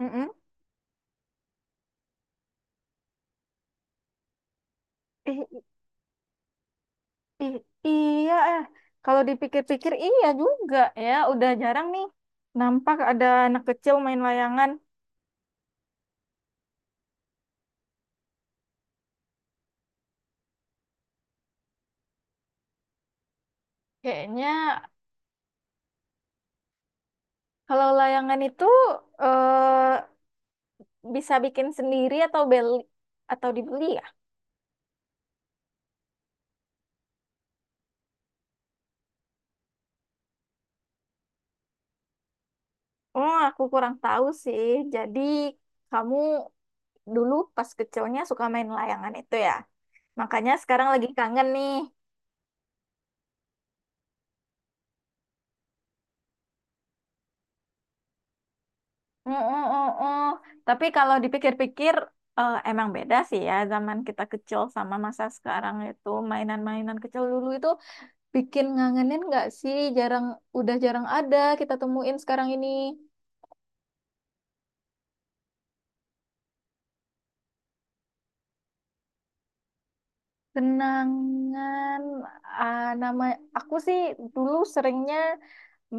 Mm-mm. Ih, ih, iya, eh. Kalau dipikir-pikir iya juga ya. Udah jarang nih nampak ada anak kecil main layangan. Kayaknya kalau layangan itu eh, bisa bikin sendiri atau beli atau dibeli ya? Oh, aku kurang tahu sih. Jadi kamu dulu pas kecilnya suka main layangan itu ya? Makanya sekarang lagi kangen nih. Mm, mm, mm, mm. Tapi kalau dipikir-pikir emang beda sih ya zaman kita kecil sama masa sekarang itu mainan-mainan kecil dulu itu bikin ngangenin nggak sih? Udah jarang ada kita temuin sekarang ini. Kenangan nama aku sih dulu seringnya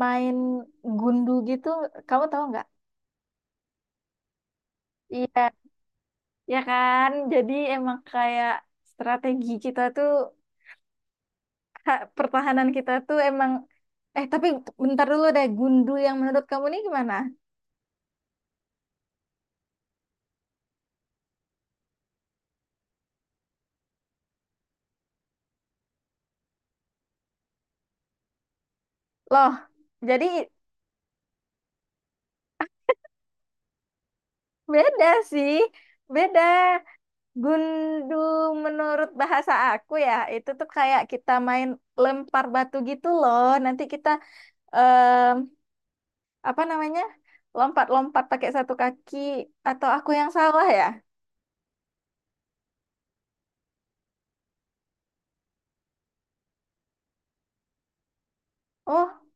main gundu gitu. Kamu tahu nggak? Iya, ya kan. Jadi emang kayak strategi kita tuh ha, pertahanan kita tuh emang. Eh, tapi bentar dulu deh, Gundul yang menurut kamu nih gimana? Loh, jadi beda sih. Beda. Gundul menurut bahasa aku ya, itu tuh kayak kita main lempar batu gitu loh. Nanti kita em, apa namanya? Lompat-lompat pakai satu kaki atau aku yang salah ya? Oh.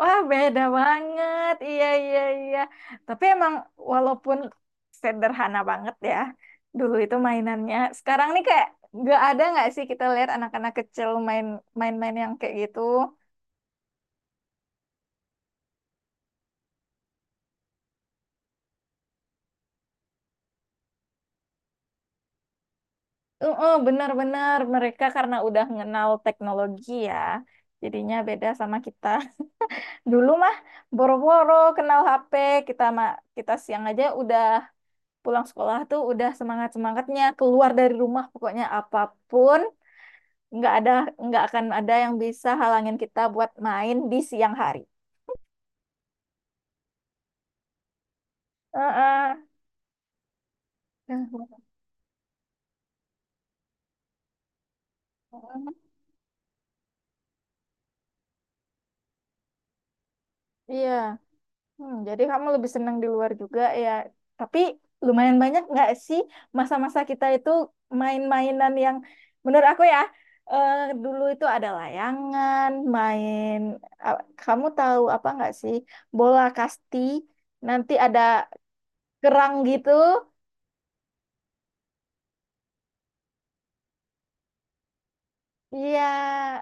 Wah, beda banget. Iya, iya, iya. Tapi emang walaupun sederhana banget ya, dulu itu mainannya. Sekarang nih kayak nggak ada nggak sih kita lihat anak-anak kecil main main-main yang kayak gitu. Heeh, benar-benar mereka karena udah ngenal teknologi ya. Jadinya beda sama kita. Dulu mah boro-boro kenal HP, kita mah kita siang aja udah pulang sekolah tuh udah semangat-semangatnya keluar dari rumah pokoknya apapun nggak ada nggak akan ada yang bisa halangin kita buat main di siang hari. Heeh. Iya. Hmm, jadi kamu lebih senang di luar juga ya. Tapi lumayan banyak nggak sih masa-masa kita itu main-mainan yang menurut aku ya eh, dulu itu ada layangan, main. ah, Kamu tahu apa nggak sih bola kasti? Nanti ada kerang gitu. Iya,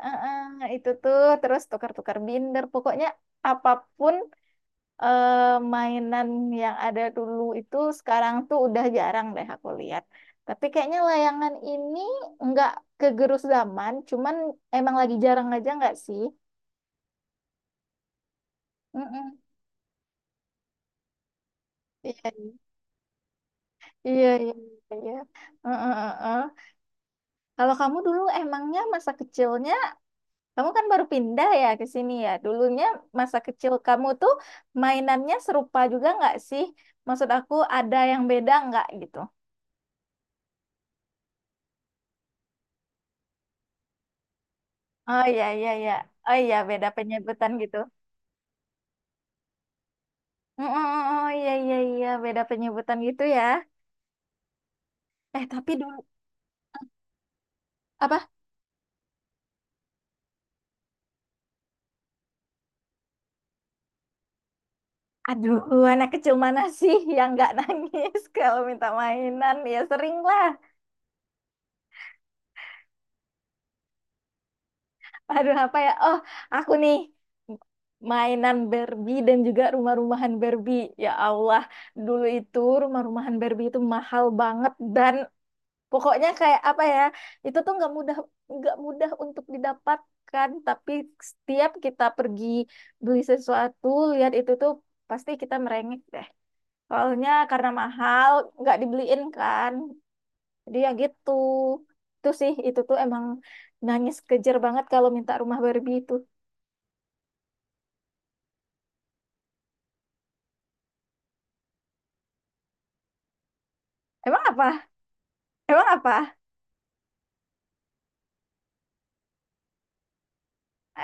heeh, itu tuh terus tukar-tukar binder. Pokoknya apapun eh, mainan yang ada dulu itu sekarang tuh udah jarang deh aku lihat. Tapi kayaknya layangan ini nggak kegerus zaman, cuman emang lagi jarang aja nggak sih? Mm-mm. Iya, iya, iya, iya. Heeh, heeh, heeh. Kalau kamu dulu emangnya masa kecilnya. Kamu kan baru pindah ya ke sini ya. Dulunya masa kecil kamu tuh mainannya serupa juga nggak sih? Maksud aku ada yang beda nggak gitu? Oh iya iya iya. Oh iya beda penyebutan gitu. Mm-mm, oh iya iya iya beda penyebutan gitu ya. Eh tapi dulu apa? Aduh, anak kecil mana sih yang nggak nangis kalau minta mainan? Ya sering lah. Aduh, apa ya? Oh, aku nih mainan Barbie dan juga rumah-rumahan Barbie. Ya Allah, dulu itu rumah-rumahan Barbie itu mahal banget dan pokoknya kayak apa ya? Itu tuh nggak mudah untuk didapatkan. Tapi setiap kita pergi beli sesuatu, lihat itu tuh pasti kita merengek deh. Soalnya karena mahal, nggak dibeliin kan. Jadi ya gitu. Itu sih, itu tuh emang nangis kejer banget kalau minta rumah Barbie itu. Emang apa? Emang apa?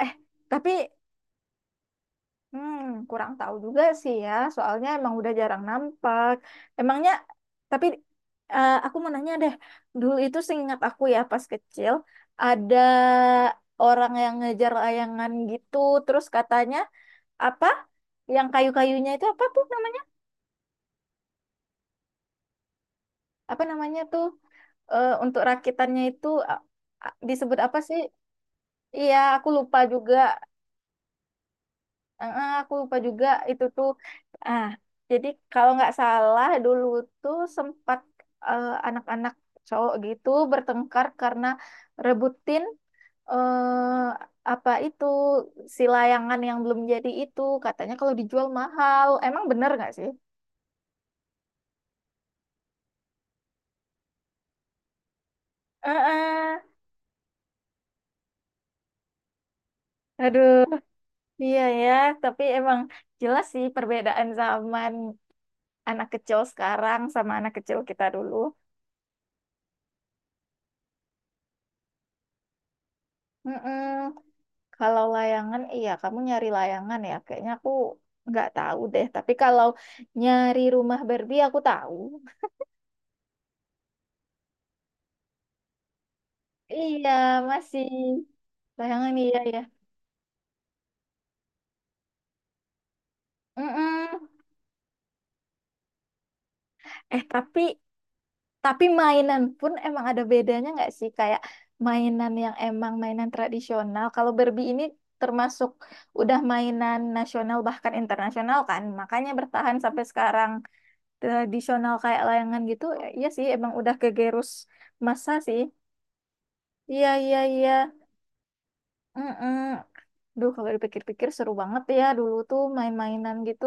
Eh, tapi hmm, kurang tahu juga sih ya. Soalnya emang udah jarang nampak. Emangnya, tapi aku mau nanya deh. Dulu itu seingat aku ya pas kecil, ada orang yang ngejar layangan gitu. Terus katanya, apa? Yang kayu-kayunya itu apa tuh namanya? Apa namanya tuh? Untuk rakitannya itu disebut apa sih? Iya, aku lupa juga. Ah, aku lupa juga itu tuh. Ah, jadi kalau nggak salah dulu tuh sempat anak-anak cowok gitu bertengkar karena rebutin eh apa itu si layangan yang belum jadi itu katanya kalau dijual mahal. Emang bener nggak sih? Heeh. Aduh, iya ya, tapi emang jelas sih perbedaan zaman anak kecil sekarang sama anak kecil kita dulu. Mm-mm. Kalau layangan, iya kamu nyari layangan ya. Kayaknya aku nggak tahu deh. Tapi kalau nyari rumah Barbie aku tahu. Iya masih layangan iya ya. Mm-mm. Eh tapi mainan pun emang ada bedanya nggak sih? Kayak mainan yang emang mainan tradisional. Kalau Barbie ini termasuk udah mainan nasional bahkan internasional kan. Makanya bertahan sampai sekarang tradisional kayak layangan gitu. Ya, iya sih emang udah kegerus masa sih. Iya, iya, iya. Mm-mm. Duh, kalau dipikir-pikir seru banget ya dulu tuh main-mainan gitu.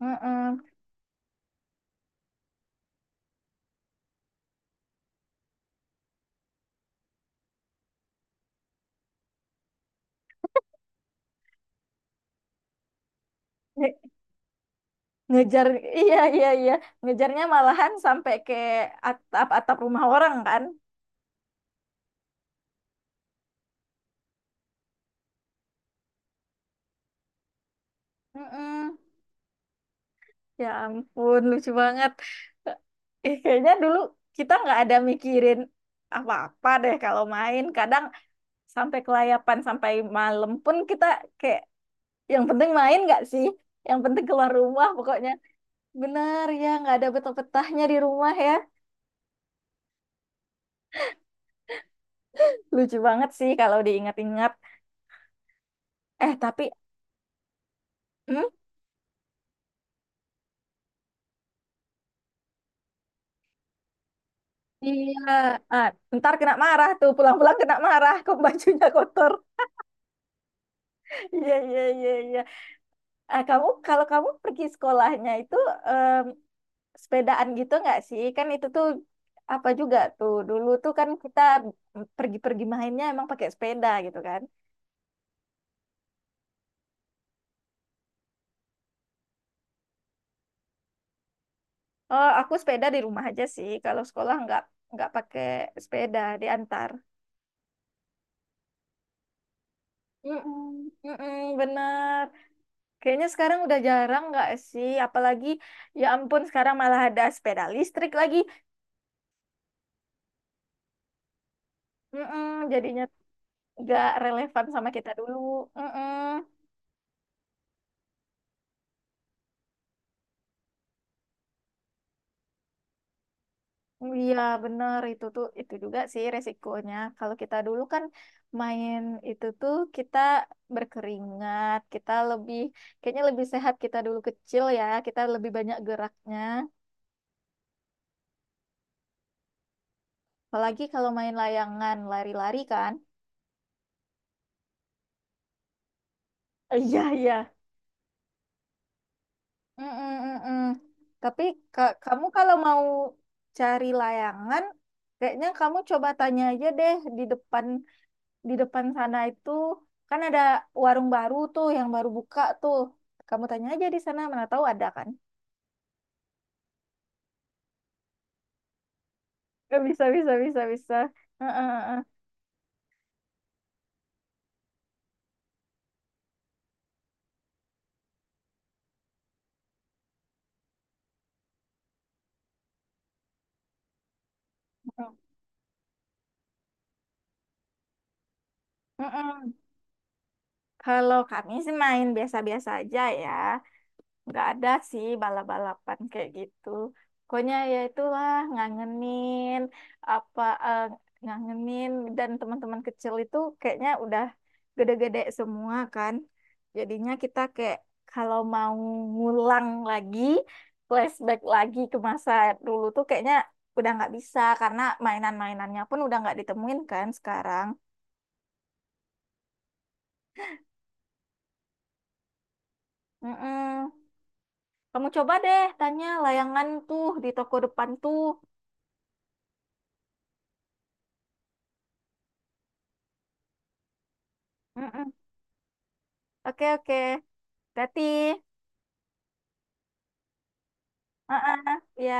Mm-mm. Nge- Ngejar, iya, iya, iya. Ngejarnya malahan sampai ke atap-atap rumah orang kan. Mm-mm. Ya ampun, lucu banget. Eh, eh, kayaknya dulu kita nggak ada mikirin apa-apa deh kalau main. Kadang sampai kelayapan, sampai malam pun kita kayak yang penting main nggak sih? Yang penting keluar rumah pokoknya. Benar ya, nggak ada betah-betahnya di rumah ya. Lucu banget sih kalau diingat-ingat. Eh, tapi hmm? Iya, ah, ntar kena marah tuh, pulang-pulang kena marah, kok bajunya kotor. Iya, iya, iya, iya. Ah, kamu kalau kamu pergi sekolahnya itu em, sepedaan gitu nggak sih? Kan itu tuh apa juga tuh. Dulu tuh kan kita pergi-pergi mainnya emang pakai sepeda gitu kan. Oh, aku sepeda di rumah aja sih. Kalau sekolah nggak pakai sepeda, diantar. Mm-mm, mm-mm, bener. Kayaknya sekarang udah jarang nggak sih? Apalagi, ya ampun, sekarang malah ada sepeda listrik lagi. Mm-mm, jadinya nggak relevan sama kita dulu. Mm-mm. Iya, benar. Itu tuh, itu juga sih resikonya. Kalau kita dulu kan main itu tuh kita berkeringat, kita lebih, kayaknya lebih sehat kita dulu kecil ya. Kita lebih banyak geraknya. Apalagi kalau main layangan, lari-lari kan. Iya, iya. Mm-mm-mm. Tapi kamu kalau mau cari layangan, kayaknya kamu coba tanya aja deh di depan di depan sana itu kan ada warung baru tuh yang baru buka tuh. Kamu tanya aja di sana, mana tahu ada kan? Eh, bisa bisa bisa bisa. Mm-mm-mm. Mm-mm. Kalau kami sih main biasa-biasa aja ya. Nggak ada sih balap-balapan kayak gitu. Pokoknya ya itulah ngangenin apa ngangenin dan teman-teman kecil itu kayaknya udah gede-gede semua kan. Jadinya kita kayak kalau mau ngulang lagi, flashback lagi ke masa dulu tuh kayaknya udah nggak bisa karena mainan-mainannya pun udah nggak ditemuin kan sekarang. Mm-mm. Kamu coba deh tanya layangan tuh di toko depan tuh. Mm-mm. Oke, oke. Tati, heeh, ya.